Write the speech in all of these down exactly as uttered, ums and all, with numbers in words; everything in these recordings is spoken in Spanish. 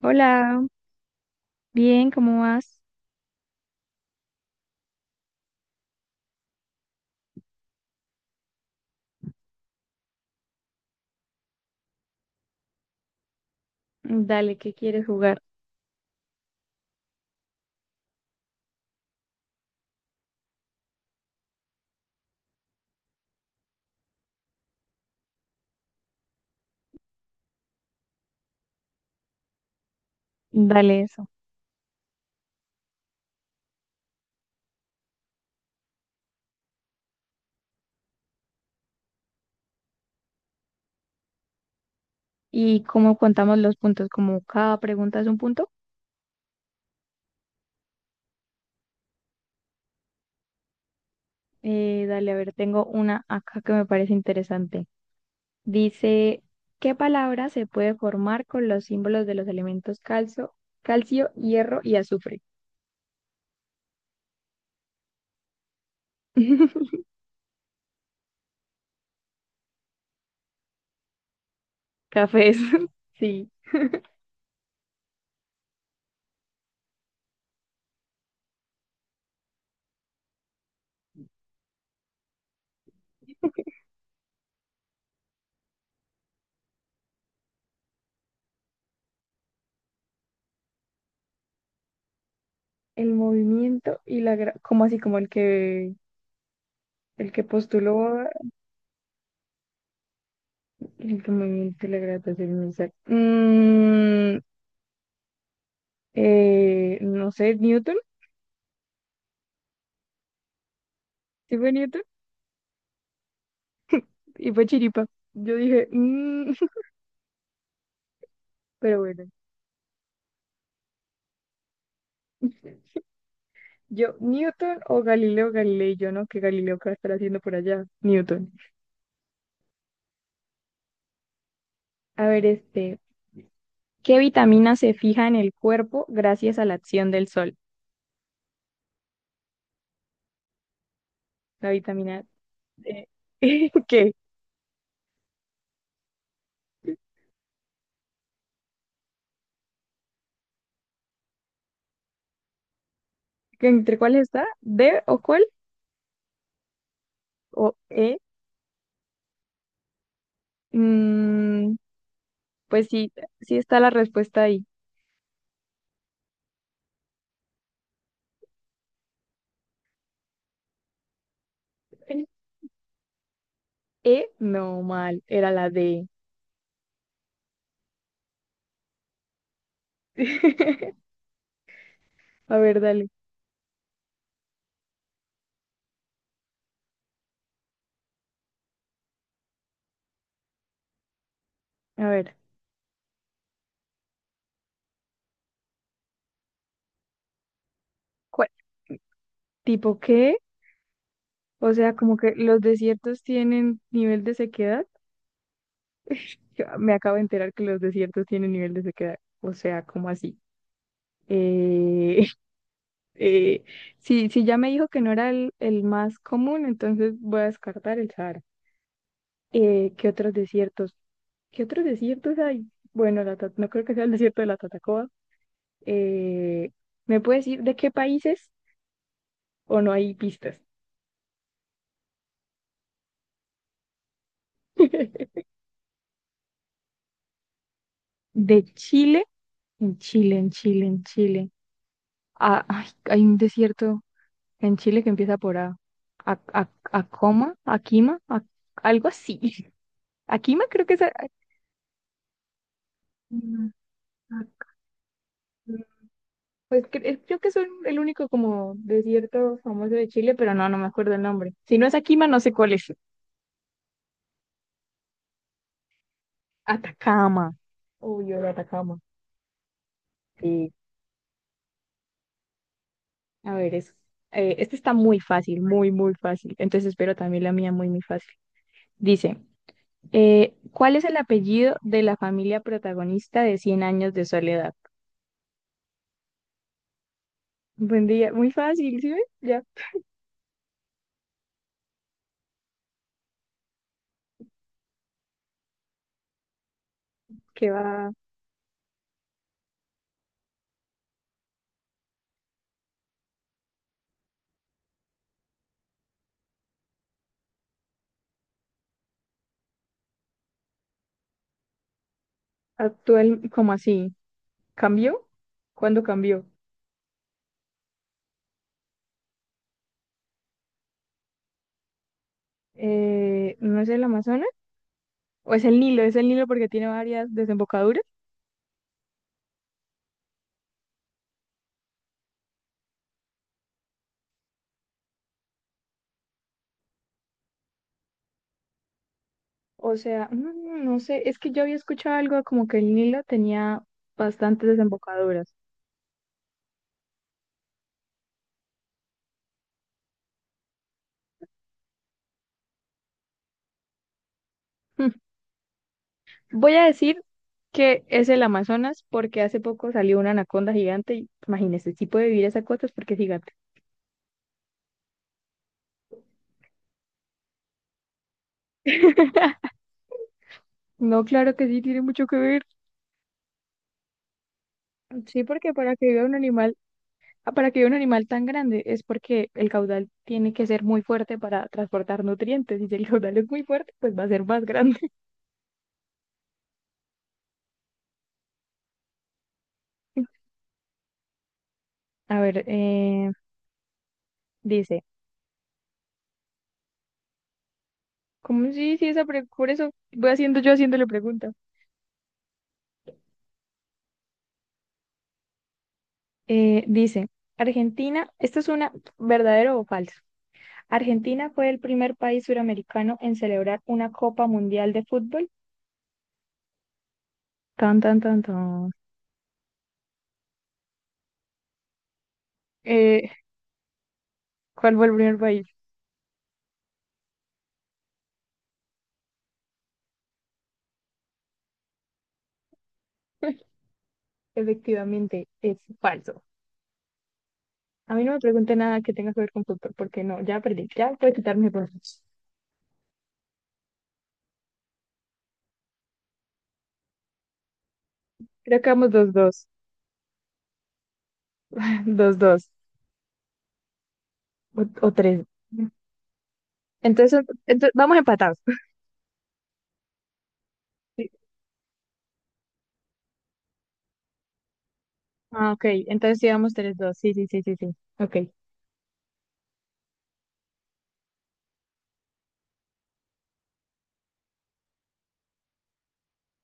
Hola, bien, ¿cómo vas? Dale, ¿qué quieres jugar? Dale eso. ¿Y cómo contamos los puntos? Como cada pregunta es un punto. Eh, dale, a ver, tengo una acá que me parece interesante. Dice, ¿qué palabra se puede formar con los símbolos de los elementos calcio, calcio, hierro y azufre? Cafés. Sí, el movimiento y la gra- como así como el que el que postuló el que movimiento y la gravitación universal. Mm, eh, no sé, Newton, sí fue Newton, y fue Chiripa. Yo dije, "Mm", pero bueno, yo, Newton o Galileo Galilei, yo no, que Galileo qué va a estar haciendo por allá, Newton. A ver, este, ¿qué vitamina se fija en el cuerpo gracias a la acción del sol? La vitamina D. ¿Qué? ¿Entre cuál está? ¿D o cuál? ¿O E? Mm, pues sí, sí está la respuesta ahí. E, no, mal, era la D. A ver, dale. A ver, Cué- ¿tipo qué? O sea, como que los desiertos tienen nivel de sequedad. Yo me acabo de enterar que los desiertos tienen nivel de sequedad. ¿O sea, como así? Eh, eh, si, si ya me dijo que no era el, el más común, entonces voy a descartar el Sahara. Eh, ¿qué otros desiertos? ¿Qué otros desiertos hay? Bueno, la Ta- no creo que sea el desierto de la Tatacoa. Eh, ¿me puedes decir de qué países o no hay pistas? ¿De Chile? En Chile, en Chile, en Chile. Ah, ay, hay un desierto en Chile que empieza por A. A, a, Acoma, Aquima, a- algo así. Aquima creo que es... a- Aquima, Acoma. Pues cre- eh, creo que es un- el único como desierto famoso de Chile, pero no, no me acuerdo el nombre. Si no es Aquima, no sé cuál es. Atacama. Uy, yo de Atacama. Sí. A ver, es, eh, este está muy fácil, muy, muy fácil. Entonces espero también la mía muy, muy fácil. Dice. Eh, ¿cuál es el apellido de la familia protagonista de Cien años de soledad? Buen día, muy fácil, ¿sí ves? Ya que va actual, ¿cómo así? ¿Cambió? ¿Cuándo cambió? Eh, ¿no es el Amazonas? ¿O es el Nilo? ¿Es el Nilo porque tiene varias desembocaduras? O sea, no, no no sé, es que yo había escuchado algo como que el Nilo tenía bastantes desembocaduras. Hmm. Voy a decir que es el Amazonas porque hace poco salió una anaconda gigante y imagínese, si puede vivir esas cosas porque es gigante. No, claro que sí, tiene mucho que ver. Sí, porque para que viva un animal, ah, para que viva un animal tan grande es porque el caudal tiene que ser muy fuerte para transportar nutrientes. Y si el caudal es muy fuerte, pues va a ser más grande. A ver, eh, dice, ¿cómo sí, sí, esa pre- por eso voy haciendo yo haciéndole pregunta. Eh, dice, Argentina, esto es una, ¿verdadero o falso? Argentina fue el primer país suramericano en celebrar una Copa Mundial de Fútbol. Tan, tan, tan, tan. Eh, ¿cuál fue el primer país? Efectivamente, es falso. A mí no me pregunte nada que tenga que ver con fútbol, porque no, ya perdí, ya puede quitarme puntos. Creo que vamos dos dos, dos dos o, o tres. Entonces, entonces, vamos empatados. Sí. Ah, ok, entonces sí vamos tres dos, sí, sí, sí, sí, sí. Ok,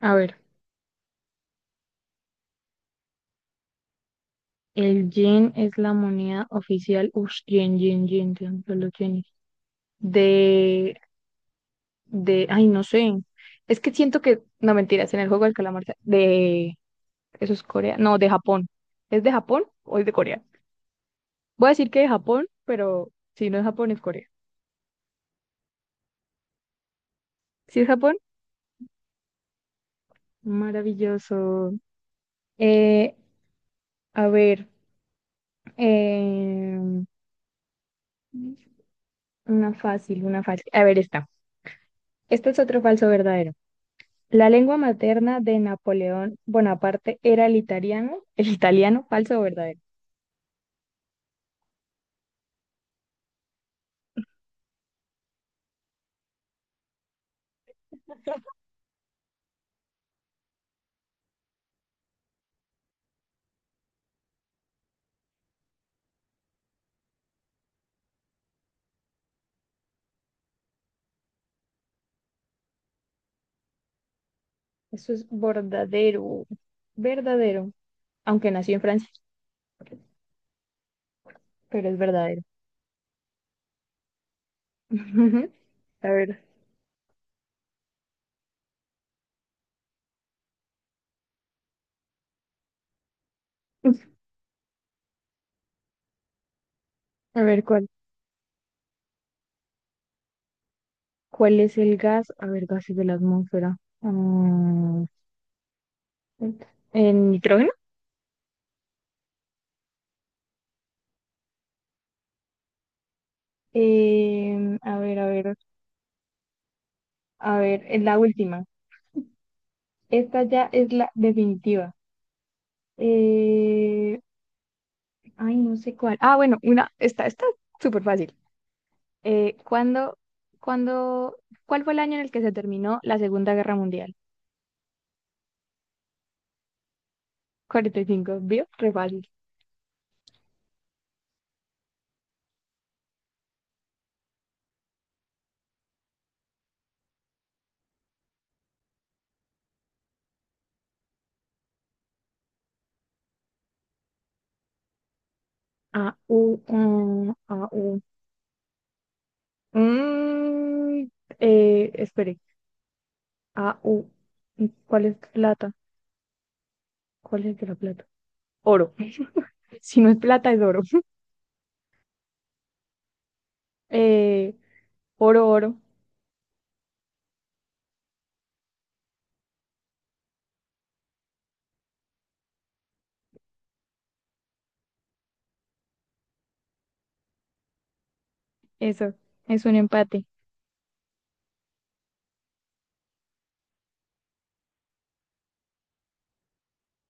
a ver, el yen es la moneda oficial, ush, yen, yen, yen, yen, los yenes. De, de, ay, no sé, es que siento que, no mentiras, en el juego del calamar, de... Eso es Corea. No, de Japón. ¿Es de Japón o es de Corea? Voy a decir que de Japón, pero si no es Japón, es Corea. Si es Japón, maravilloso. Eh, a ver, eh, una fácil, una fácil. A ver, esta. Este es otro falso verdadero. La lengua materna de Napoleón Bonaparte era el italiano. El italiano, falso o verdadero. Eso es verdadero. Verdadero. Aunque nació en Francia, pero es verdadero. A ver, a ver cuál. ¿Cuál es el gas? A ver, gases de la atmósfera. Ah, ¿el nitrógeno? Em, a ver, a ver, a ver, es la última. Esta ya es la definitiva. Eh, ay, no sé cuál. Ah, bueno, una, esta está súper fácil. Eh, ¿cuándo, cuándo, cuál fue el año en el que se terminó la Segunda Guerra Mundial? cuarenta y cinco, ¿vio? Re fácil. A, U, mm, A, U. Mm, eh, espere, A, U. ¿Y ¿cuál es plata? ¿Cuál es de la plata? Oro. Si no es plata, es oro. Eh, oro, oro. Eso. Es un empate.